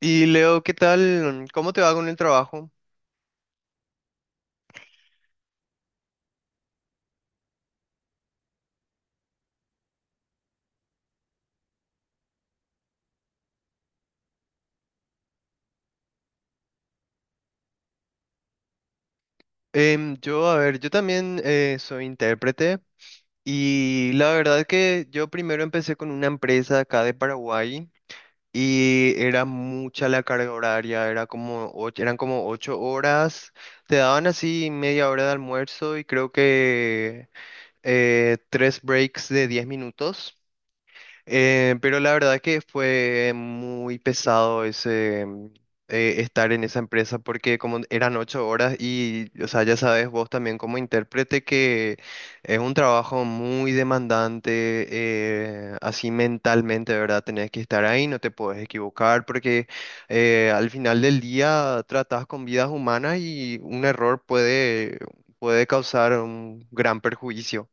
Y Leo, ¿qué tal? ¿Cómo te va con el trabajo? Yo, a ver, yo también soy intérprete y la verdad que yo primero empecé con una empresa acá de Paraguay y era mucha la carga horaria, era como eran como ocho horas, te daban así media hora de almuerzo y creo que 3 breaks de 10 minutos. Pero la verdad que fue muy pesado ese estar en esa empresa porque como eran 8 horas y, o sea, ya sabes vos también como intérprete que es un trabajo muy demandante, así mentalmente, ¿verdad? Tenés que estar ahí, no te puedes equivocar porque al final del día tratás con vidas humanas y un error puede, puede causar un gran perjuicio.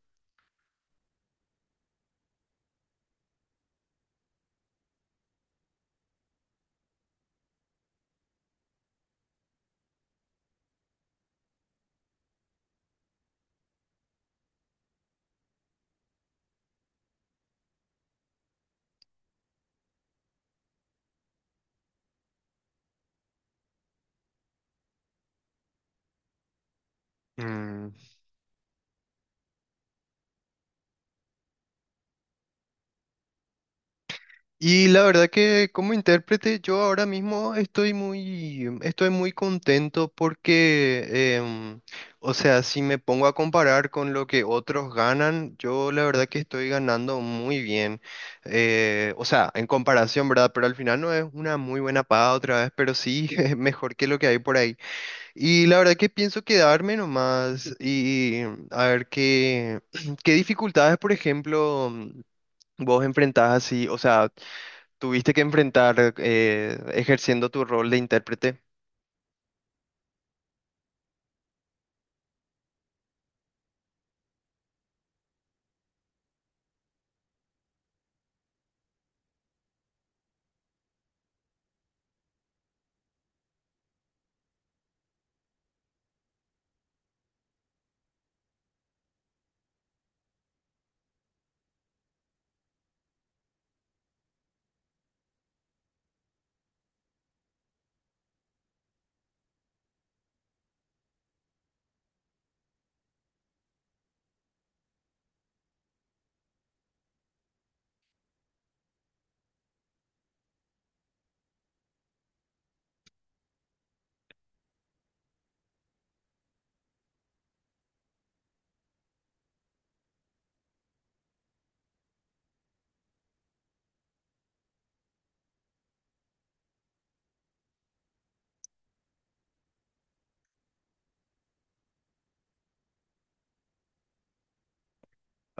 Mm. Y la verdad que como intérprete yo ahora mismo estoy muy, estoy muy contento porque, o sea, si me pongo a comparar con lo que otros ganan, yo la verdad que estoy ganando muy bien. O sea, en comparación, ¿verdad? Pero al final no es una muy buena paga otra vez, pero sí es mejor que lo que hay por ahí. Y la verdad que pienso quedarme nomás y a ver qué, qué dificultades, por ejemplo, vos enfrentás así, o sea... Tuviste que enfrentar ejerciendo tu rol de intérprete.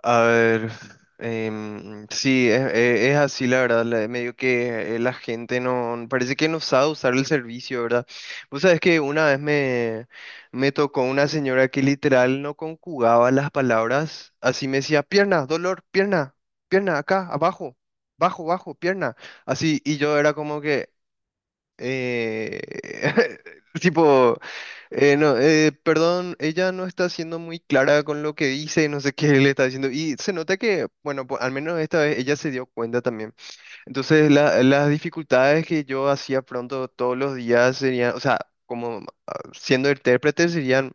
A ver, sí, es, es así la verdad, medio que la gente no, parece que no sabe usar el servicio, ¿verdad? Vos sabés que una vez me, me tocó una señora que literal no conjugaba las palabras, así me decía, pierna, dolor, pierna, pierna, acá, abajo, bajo, bajo, pierna, así, y yo era como que... Eh, tipo, no, perdón, ella no está siendo muy clara con lo que dice, no sé qué le está diciendo. Y se nota que, bueno, al menos esta vez ella se dio cuenta también. Entonces, las dificultades que yo hacía pronto todos los días serían, o sea, como ah, siendo intérprete serían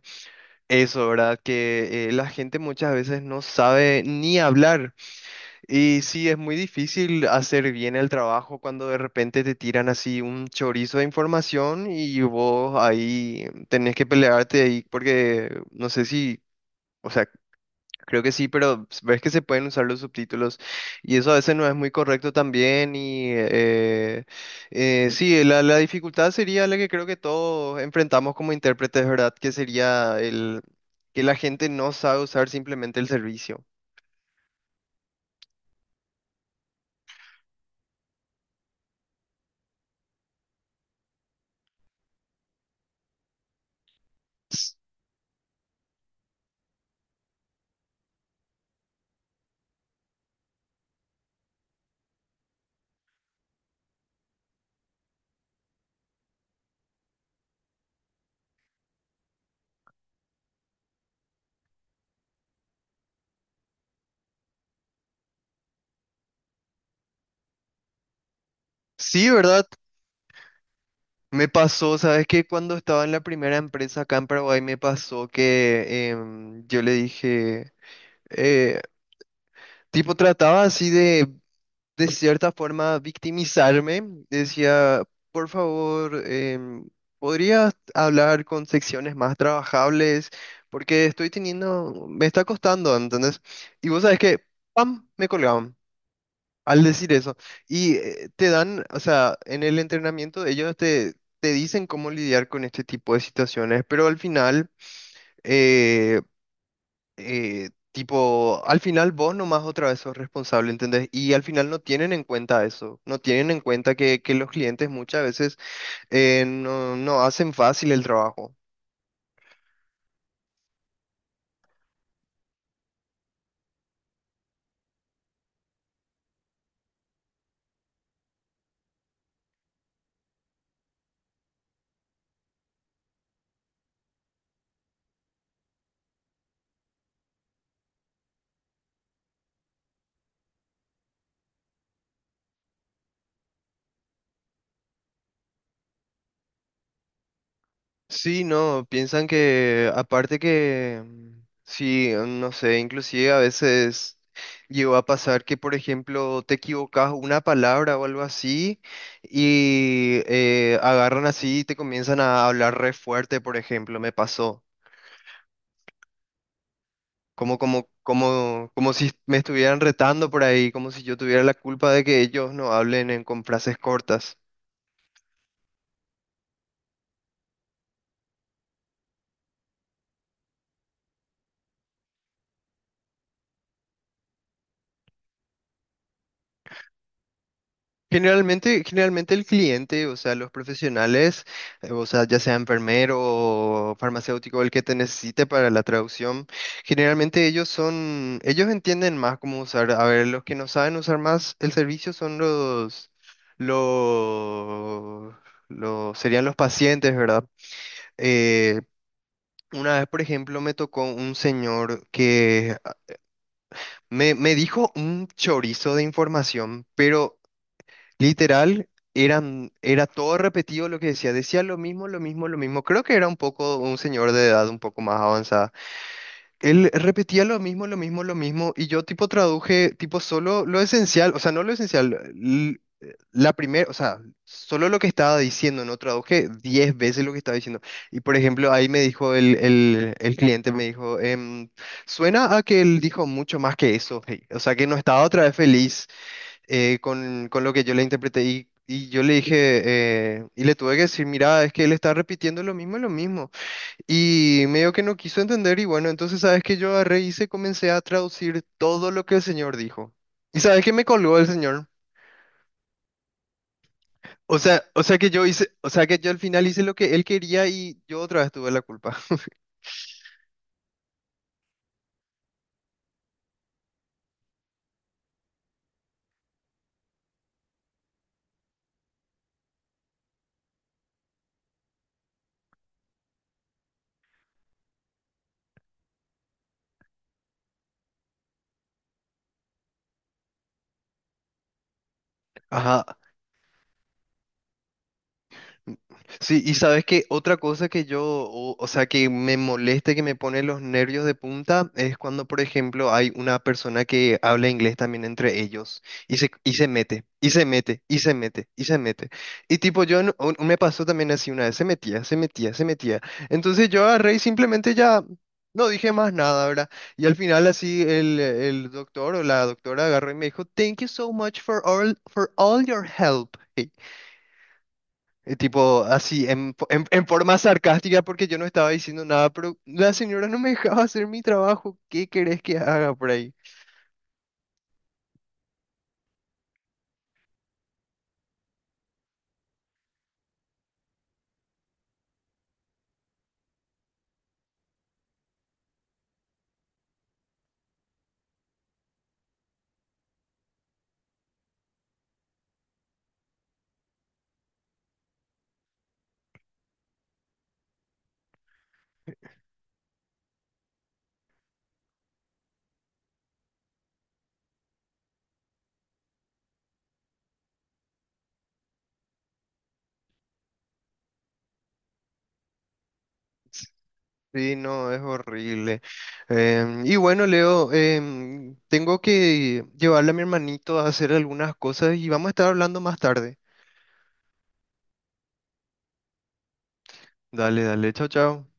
eso, ¿verdad? Que la gente muchas veces no sabe ni hablar. Y sí, es muy difícil hacer bien el trabajo cuando de repente te tiran así un chorizo de información y vos ahí tenés que pelearte ahí porque no sé si, o sea, creo que sí, pero ves que se pueden usar los subtítulos y eso a veces no es muy correcto también y sí, la dificultad sería la que creo que todos enfrentamos como intérpretes, ¿verdad? Que sería el que la gente no sabe usar simplemente el servicio. Sí, ¿verdad? Me pasó, ¿sabes qué? Cuando estaba en la primera empresa acá en Paraguay, me pasó que yo le dije, eh, tipo, trataba así de cierta forma, victimizarme. Decía, por favor, ¿podrías hablar con secciones más trabajables? Porque estoy teniendo, me está costando, ¿entendés? Y vos sabes que, ¡pam!, me colgaban. Al decir eso, y te dan, o sea, en el entrenamiento ellos te, te dicen cómo lidiar con este tipo de situaciones, pero al final, eh, tipo, al final vos nomás otra vez sos responsable, ¿entendés? Y al final no tienen en cuenta eso, no tienen en cuenta que los clientes muchas veces no, no hacen fácil el trabajo. Sí, no, piensan que aparte que, mm, sí, mm, no sé, inclusive a veces llegó a pasar que, por ejemplo, te equivocas una palabra o algo así y agarran así y te comienzan a hablar re fuerte, por ejemplo, me pasó. Como, como, como, como si me estuvieran retando por ahí, como si yo tuviera la culpa de que ellos no hablen en, con frases cortas. Generalmente, generalmente el cliente, o sea, los profesionales, o sea, ya sea enfermero o farmacéutico, el que te necesite para la traducción, generalmente ellos son, ellos entienden más cómo usar. A ver, los que no saben usar más el servicio son los, los serían los pacientes, ¿verdad? Eh, una vez, por ejemplo, me tocó un señor que me dijo un chorizo de información, pero literal, eran, era todo repetido lo que decía. Decía lo mismo, lo mismo, lo mismo. Creo que era un poco un señor de edad un poco más avanzada. Él repetía lo mismo, lo mismo, lo mismo. Y yo tipo traduje tipo solo lo esencial, o sea, no lo esencial, la primera, o sea, solo lo que estaba diciendo, no traduje 10 veces lo que estaba diciendo. Y por ejemplo, ahí me dijo el cliente, me dijo, suena a que él dijo mucho más que eso. Hey". O sea, que no estaba otra vez feliz con lo que yo le interpreté y yo le dije, y le tuve que decir, mira, es que él está repitiendo lo mismo. Y medio que no quiso entender y bueno, entonces sabes que yo agarré y se comencé a traducir todo lo que el señor dijo. ¿Y sabes que me colgó el señor? O sea que yo hice, o sea que yo al final hice lo que él quería y yo otra vez tuve la culpa. Ajá. Sí, y sabes que otra cosa que yo, o sea, que me molesta, y que me pone los nervios de punta, es cuando, por ejemplo, hay una persona que habla inglés también entre ellos y se mete, y se mete, y se mete, y se mete. Y tipo, yo me pasó también así una vez, se metía, se metía, se metía. Entonces yo agarré y simplemente ya no dije más nada, ¿verdad? Y al final así el doctor o la doctora agarró y me dijo, "Thank you so much for all your help. Hey, tipo así, en, en forma sarcástica, porque yo no estaba diciendo nada, pero la señora no me dejaba hacer mi trabajo. ¿Qué querés que haga por ahí? Sí, no, es horrible. Y bueno, Leo, tengo que llevarle a mi hermanito a hacer algunas cosas y vamos a estar hablando más tarde. Dale, dale, chao, chao.